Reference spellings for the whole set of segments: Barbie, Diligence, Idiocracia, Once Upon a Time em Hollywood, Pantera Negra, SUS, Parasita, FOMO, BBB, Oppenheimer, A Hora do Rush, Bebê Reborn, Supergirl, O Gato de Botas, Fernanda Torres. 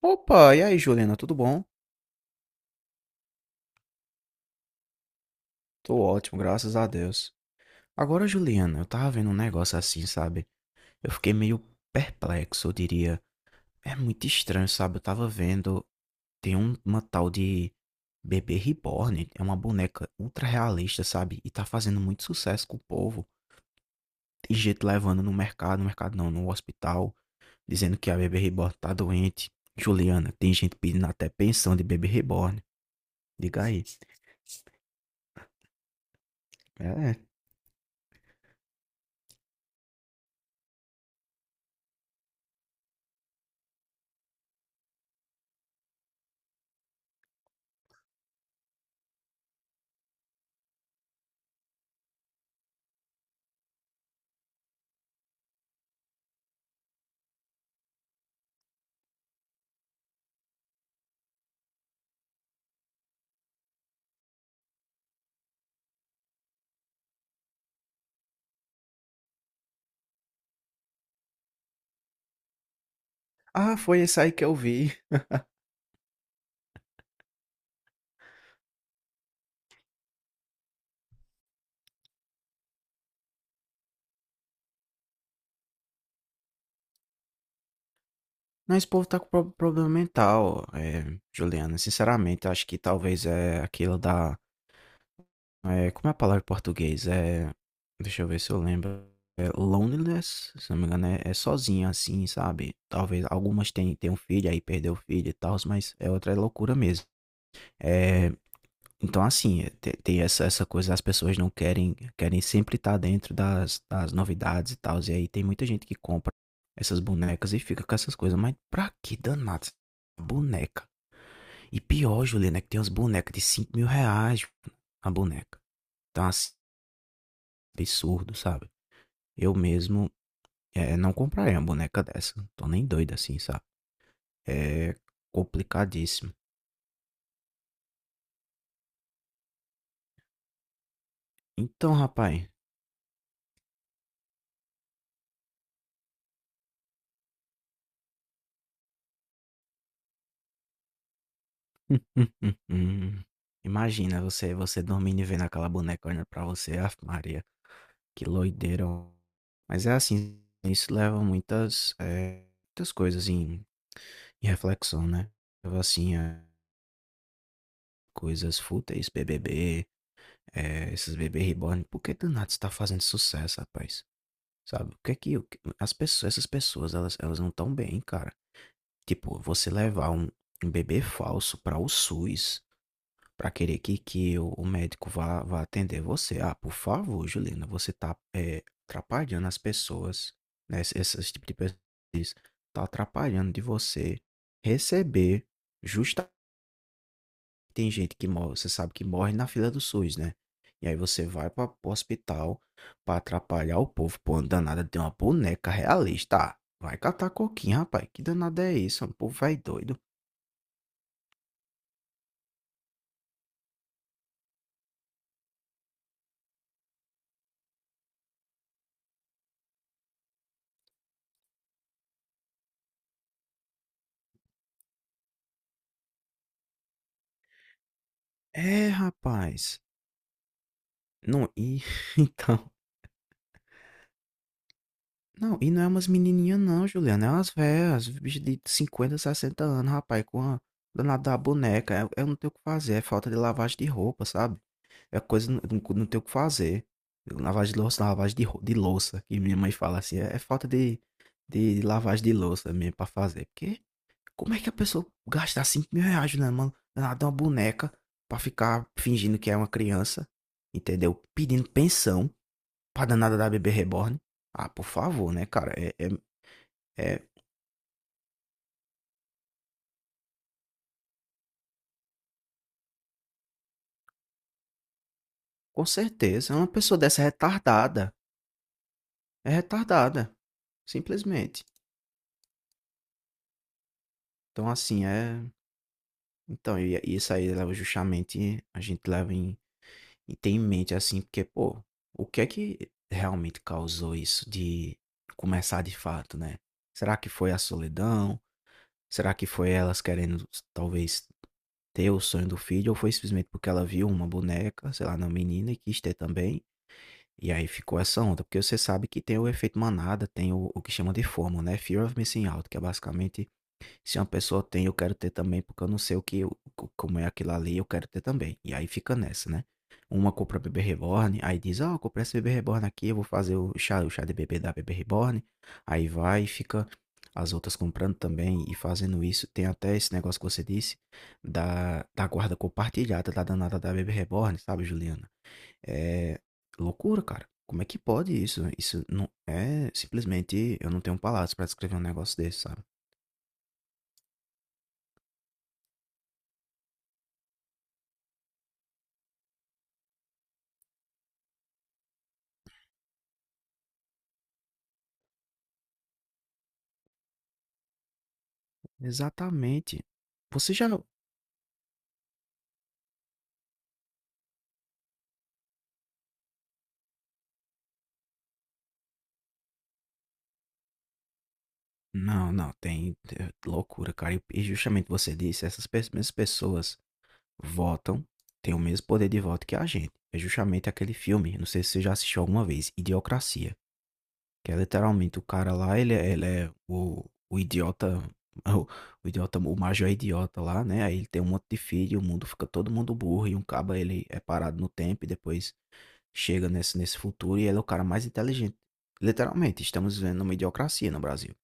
Opa, e aí, Juliana, tudo bom? Tô ótimo, graças a Deus. Agora, Juliana, eu tava vendo um negócio assim, sabe? Eu fiquei meio perplexo, eu diria. É muito estranho, sabe? Eu tava vendo. Tem uma tal de Bebê Reborn, é uma boneca ultra realista, sabe? E tá fazendo muito sucesso com o povo. Tem gente levando no mercado, no mercado não, no hospital, dizendo que a Bebê Reborn tá doente. Juliana, tem gente pedindo até pensão de Bebê Reborn. Diga aí. É. Ah, foi esse aí que eu vi. Não, esse povo tá com problema mental, Juliana. Sinceramente, acho que talvez é aquilo da. Como é a palavra em português? É, deixa eu ver se eu lembro. É loneliness, se não me engano, é, é sozinha assim, sabe? Talvez algumas têm, têm um filho, aí perdeu o filho e tal, mas é outra loucura mesmo. É, então, assim, eh, te tem essa essa coisa, as pessoas não querem querem sempre estar dentro das das novidades e tals, e aí tem muita gente que compra essas bonecas e fica com essas coisas, mas pra que danado essa boneca? E pior, Juliana, é que tem umas bonecas de 5.000 R$5.000 a boneca. Então, assim, absurdo, sabe. Eu mesmo, não compraria uma boneca dessa, tô nem doido assim, sabe. É complicadíssimo. Então, rapaz. Uhum. Imagina você você dormindo e vendo aquela boneca olhando pra você, ave Maria, que loideira. Mas é assim, isso leva muitas, muitas coisas em em reflexão, né. Leva assim a coisas fúteis, BBB, esses bebê reborn, por que do nada isso tá fazendo sucesso, rapaz? Sabe, o que é que o que as pessoas essas pessoas elas elas não estão bem, cara. Tipo, você levar um um bebê falso para o SUS, para querer que o médico vá vá atender você. Ah, por favor, Juliana, você tá, atrapalhando as pessoas, né, esse esse tipo de pessoas, tá atrapalhando de você receber justamente. Tem gente que morre, você sabe que morre na fila do SUS, né, e aí você vai para o hospital para atrapalhar o povo. Pô, uma danada de uma boneca realista. Ah, vai catar coquinho, rapaz, que danada é isso? É. Um povo vai doido. É, rapaz. Não, e então. Não, e não é umas menininhas não, Juliana. É umas velhas, bicho de 50, 60 anos, rapaz, com a danada da boneca. Eu não tenho o que fazer, é falta de lavagem de roupa, sabe? É coisa, não, não não tenho o que fazer. Lavagem de louça, não, lavagem de, de louça, que minha mãe fala assim, é, é falta de lavagem de louça mesmo pra fazer. Porque como é que a pessoa gasta 5.000 reais, Juliana, mano, danada uma boneca pra ficar fingindo que é uma criança, entendeu? Pedindo pensão pra danada da bebê reborn. Ah, por favor, né, cara? É, com certeza. Uma pessoa dessa é retardada. É retardada. Simplesmente. Então, assim, é. Então, e isso aí leva justamente. A gente leva em. E tem em mente, assim, porque, pô, o que é que realmente causou isso de começar de fato, né? Será que foi a solidão? Será que foi elas querendo, talvez, ter o sonho do filho? Ou foi simplesmente porque ela viu uma boneca, sei lá, na menina e quis ter também? E aí ficou essa onda, porque você sabe que tem o efeito manada, tem o que chama de FOMO, né? Fear of Missing Out, que é basicamente se uma pessoa tem, eu quero ter também, porque eu não sei o que, como é aquilo ali, eu quero ter também. E aí fica nessa, né? Uma compra bebê reborn, aí diz, ó, eu comprei esse bebê reborn aqui, eu vou fazer o chá de bebê da bebê reborn. Aí vai e fica as outras comprando também e fazendo isso. Tem até esse negócio que você disse da guarda compartilhada da danada da bebê reborn, sabe, Juliana? É loucura, cara. Como é que pode isso? Isso não é simplesmente. Eu não tenho palavras pra descrever um negócio desse, sabe? Exatamente. Você já. Não, não, não tem. É loucura, cara. E justamente você disse, mesmas pessoas votam, têm o mesmo poder de voto que a gente. É justamente aquele filme, não sei se você já assistiu alguma vez, Idiocracia. Que é literalmente o cara lá, ele é o idiota, o, o idiota, o Major é idiota lá, né? Aí ele tem um monte de filho, o mundo fica todo mundo burro, e um caba ele é parado no tempo e depois chega nesse futuro e ele é o cara mais inteligente. Literalmente, estamos vivendo uma idiocracia no Brasil.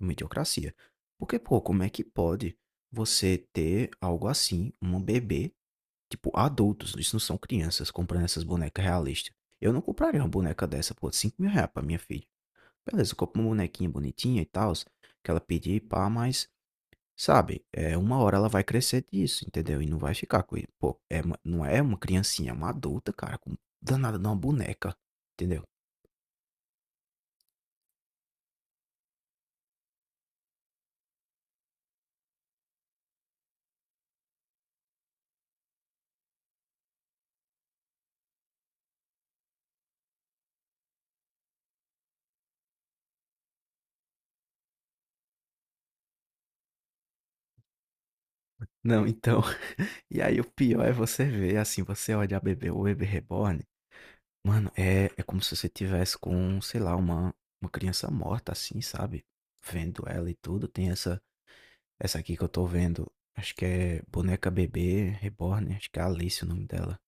Uma idiocracia. Porque, pô, como é que pode você ter algo assim, um bebê, tipo, adultos, isso não são crianças, comprando essas bonecas realistas. Eu não compraria uma boneca dessa, pô, 5.000 reais pra minha filha. Beleza, eu compro uma bonequinha bonitinha e tal, que ela pedir, pá, mas, sabe, é, uma hora ela vai crescer disso, entendeu? E não vai ficar com ele. Pô, é, não é uma criancinha, é uma adulta, cara, com danada de uma boneca, entendeu? Não, então, e aí o pior é você ver, assim, você olha a bebê, o bebê reborn, mano, é, é como se você tivesse com, sei lá, uma criança morta, assim, sabe? Vendo ela e tudo, tem essa aqui que eu tô vendo, acho que é boneca bebê reborn, acho que é Alice o nome dela.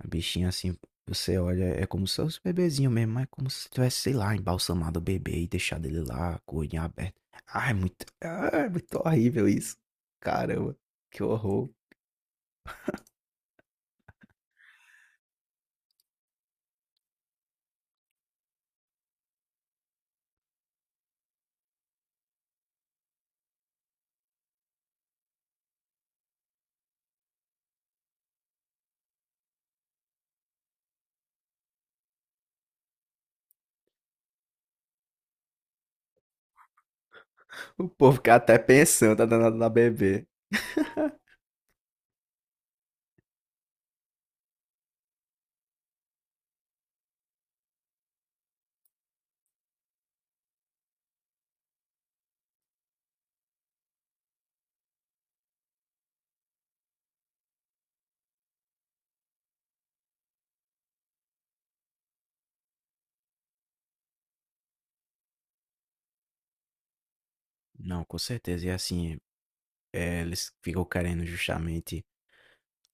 A bichinha assim, você olha, é como se fosse um bebezinho mesmo, mas é como se tivesse, sei lá, embalsamado o bebê e deixado ele lá, com o olhinho aberto. Ai, muito horrível isso. Caramba, que horror. O povo fica até pensando, tá danado na bebê. Não, com certeza. E assim, é, eles ficam querendo justamente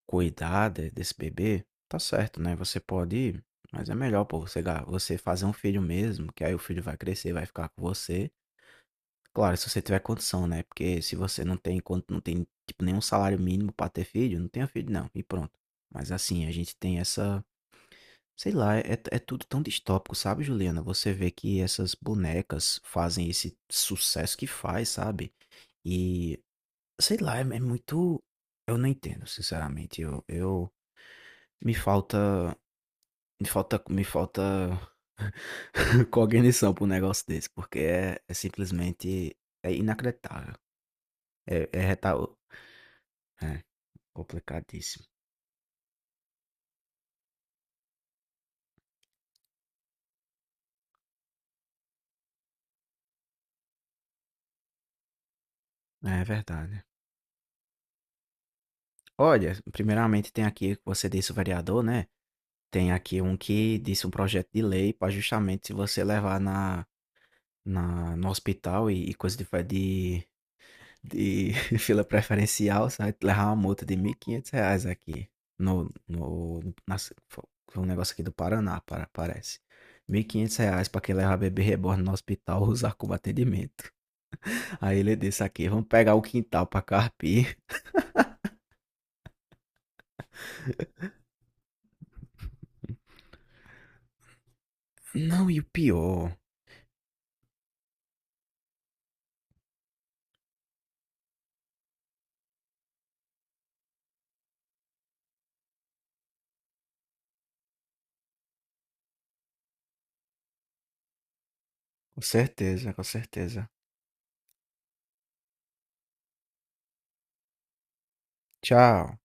cuidar desse bebê. Tá certo, né? Você pode ir, mas é melhor, pô, você, você fazer um filho mesmo, que aí o filho vai crescer, vai ficar com você. Claro, se você tiver condição, né, porque se você não tem quando não tem, tipo, nenhum salário mínimo pra ter filho, não tenha filho não, e pronto. Mas assim, a gente tem essa. Sei lá, é tudo tão distópico, sabe, Juliana? Você vê que essas bonecas fazem esse sucesso que faz, sabe? E sei lá, é muito. Eu não entendo, sinceramente, eu me falta me falta cognição pra um negócio desse, porque é é simplesmente é inacreditável. É é retal É, complicadíssimo. É verdade. Olha, primeiramente tem aqui que você disse o vereador, né? Tem aqui um que disse um projeto de lei para justamente se você levar no hospital e coisa de, de fila preferencial, você vai levar uma multa de 1.500 reais aqui no, no, nas- fo- foi um negócio aqui do Paraná, para, parece. 1.500 reais para quem levar bebê reborn no hospital usar como atendimento. Aí ele disse aqui, vamos pegar o quintal para carpir. Não, e o pior. Com certeza, com certeza. Tchau.